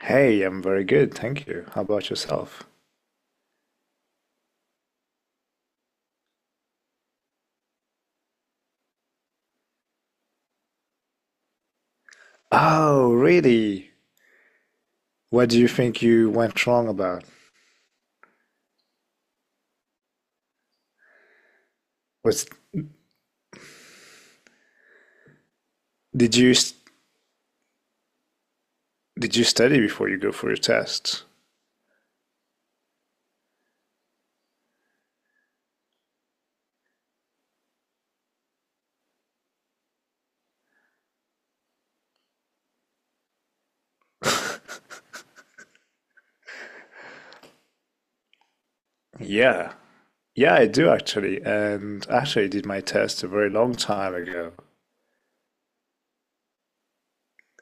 Hey, I'm very good, thank you. How about yourself? Oh, really? What do you think you went wrong about? Was did you s- did you study before you go for your test? Yeah. Yeah, I do actually. And actually I did my test a very long time ago.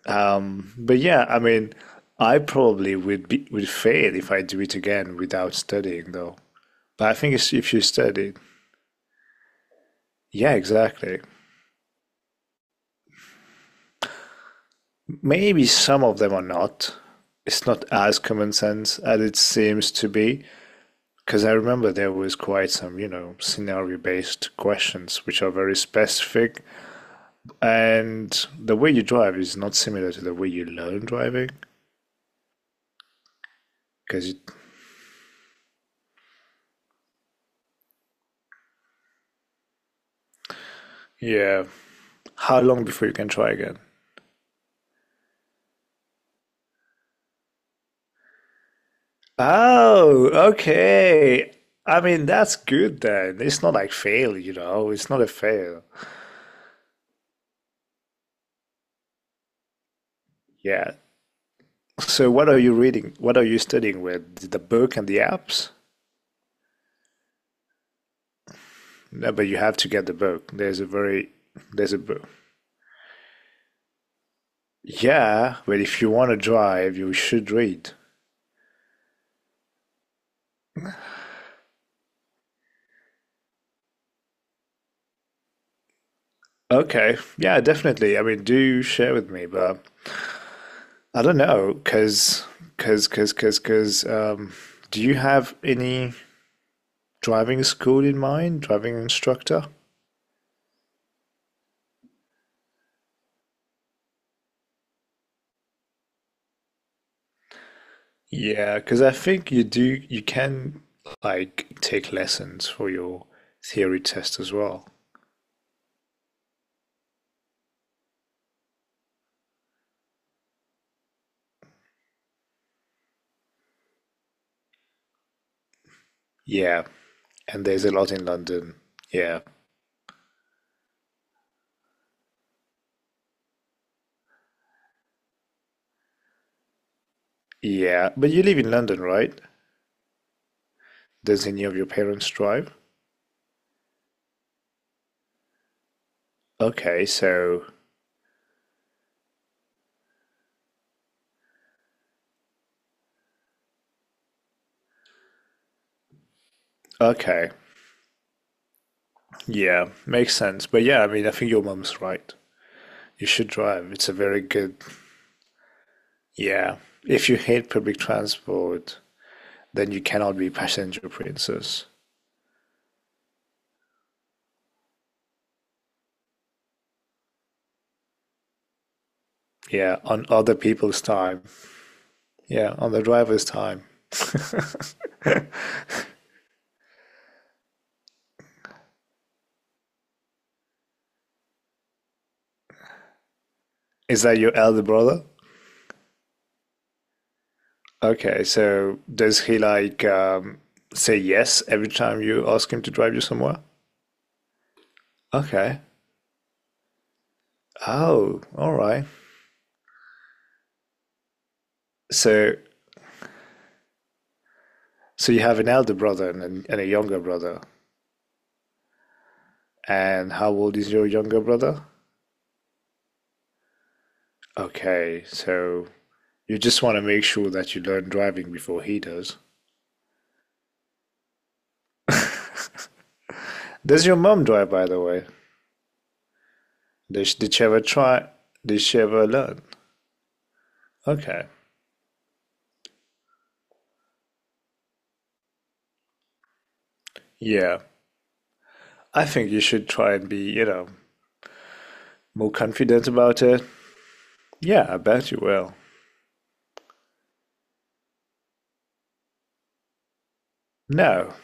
But yeah, I mean, I probably would fail if I do it again without studying though. But I think it's if you study. Yeah, exactly. Maybe some of them are not. It's not as common sense as it seems to be. Because I remember there was quite some, you know, scenario based questions which are very specific. And the way you drive is not similar to the way you learn driving. Because, yeah, how long before you can try again? Oh, okay. I mean, that's good then. It's not like fail, you know, it's not a fail. Yeah. So, what are you reading? What are you studying with? The book and the apps? No, but you have to get the book. There's a book. Yeah, but if you want to drive, you should read. Okay. Yeah, definitely. I mean, do share with me, but I don't know, cause, cause, cause, cause, cause. Do you have any driving school in mind? Driving instructor? Yeah, because I think you do. You can like take lessons for your theory test as well. Yeah, and there's a lot in London. Yeah, yeah. But you live in London, right? Does any of your parents drive? Okay, so okay, yeah, makes sense. But yeah, I mean, I think your mum's right. You should drive. It's a very good. Yeah, if you hate public transport, then you cannot be passenger princess. Yeah, on other people's time. Yeah, on the driver's time. Is that your elder brother? Okay, so does he like say yes every time you ask him to drive you somewhere? Okay. Oh, all right. So So you have an elder brother and a younger brother. And how old is your younger brother? Okay, so you just want to make sure that you learn driving before he does. Does your mom drive, by the way? Did she ever try? Did she ever learn? Okay, yeah. I think you should try and be, you know, more confident about it. Yeah, I bet you will. No,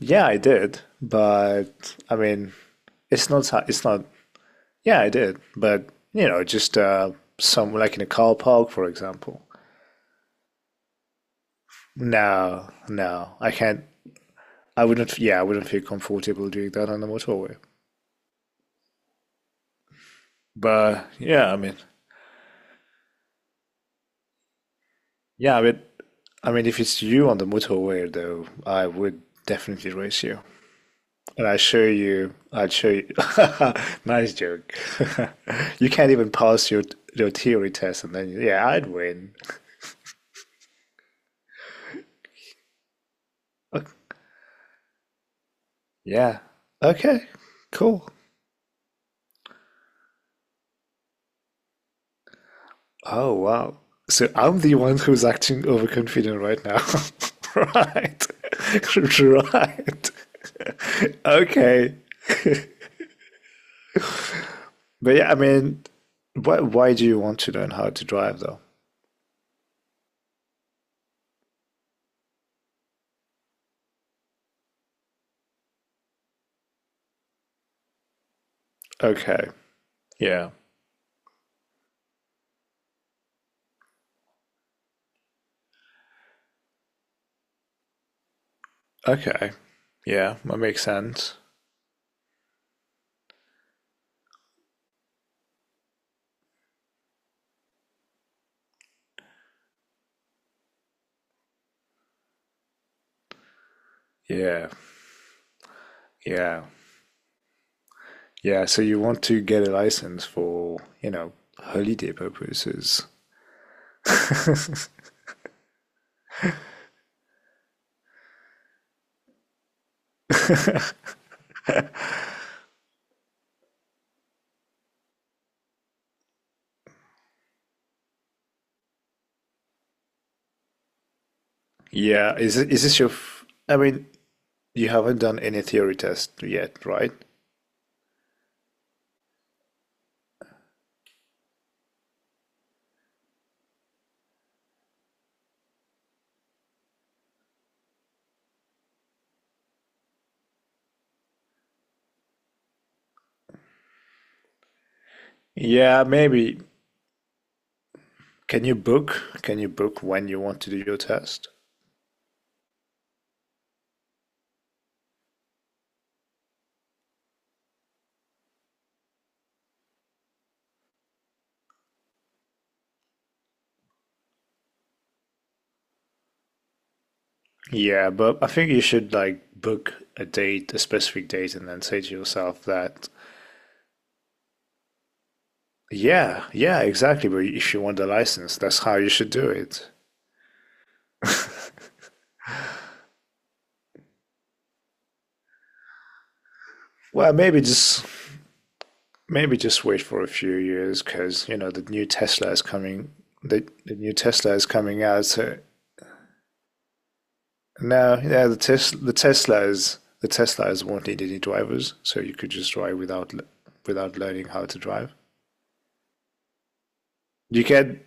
yeah, I did, but I mean, it's not. Yeah, I did. But, you know, just some like in a car park, for example. No, no, I can't. I wouldn't, yeah, I wouldn't feel comfortable doing that on the motorway. But yeah, I mean, if it's you on the motorway, though, I would definitely race you. And I show you, I'd show you. Nice joke. You can't even pass your theory test, and then yeah, I'd win. Okay. Yeah. Okay. Cool. Oh, wow. So I'm the one who's acting overconfident right now. Right. Right. Okay. But yeah, I mean, why do you want to learn how to drive though? Okay. Yeah. Okay. Yeah, that makes sense. Yeah. Yeah. Yeah, so you want to get a license for, you know, holiday purposes. Is this your f I mean, you haven't done any theory test yet, right? Yeah, maybe. Can you book? Can you book when you want to do your test? Yeah, but I think you should like book a date, a specific date, and then say to yourself that, yeah, yeah, exactly. But if you want the license, that's how you should do it. Well, maybe just wait for a few years because you know the new Tesla is coming. The new Tesla is coming out. So now, yeah, the tes the Tesla is the Teslas won't need any drivers, so you could just drive without learning how to drive. You can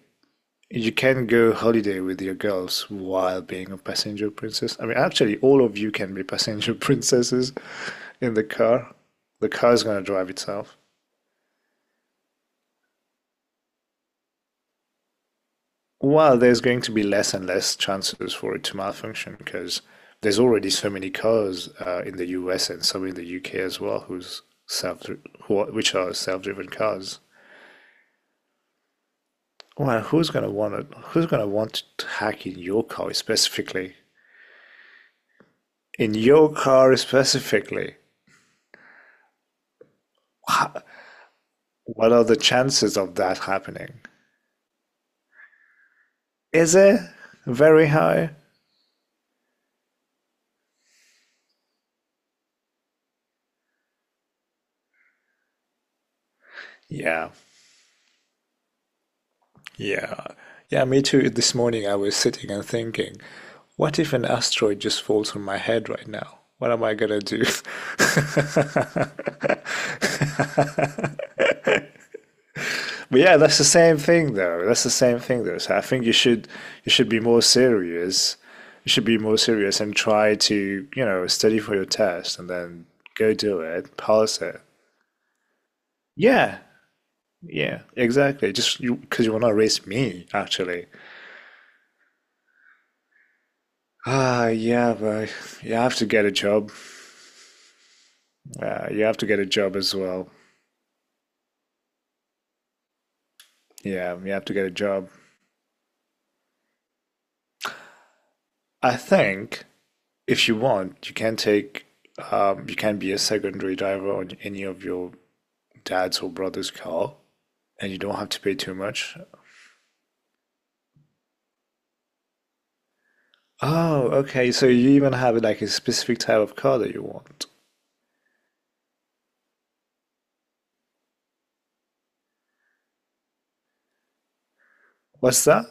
you can go holiday with your girls while being a passenger princess. I mean, actually, all of you can be passenger princesses in the car. The car is going to drive itself. Well, there's going to be less and less chances for it to malfunction because there's already so many cars in the US and some in the UK as well, self which are self-driven cars. Well, who's gonna want it? Who's gonna want to hack in your car specifically? In your car specifically? What are the chances of that happening? Is it very high? Yeah, yeah. Yeah, me too. This morning I was sitting and thinking, what if an asteroid just falls on my head right now? What am I gonna do? But yeah, that's the same thing though. That's the same thing though. So I think you should be more serious. You should be more serious and try to, you know, study for your test and then go do it, pass it. Yeah, yeah, exactly. Just you, because you want to race me, actually. Ah, yeah, but you have to get a job. You have to get a job as well. Yeah, you have to get a job. I think if you want, you can take, you can be a secondary driver on any of your dad's or brother's car, and you don't have to pay too much. Oh, okay. So you even have like a specific type of car that you want. What's that?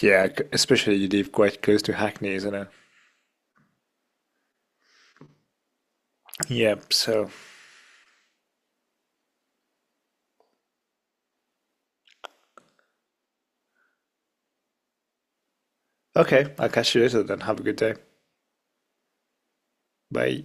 Especially you live quite close to Hackney, isn't it? Yep, so okay, I'll catch you later then. Have a good day. Bye.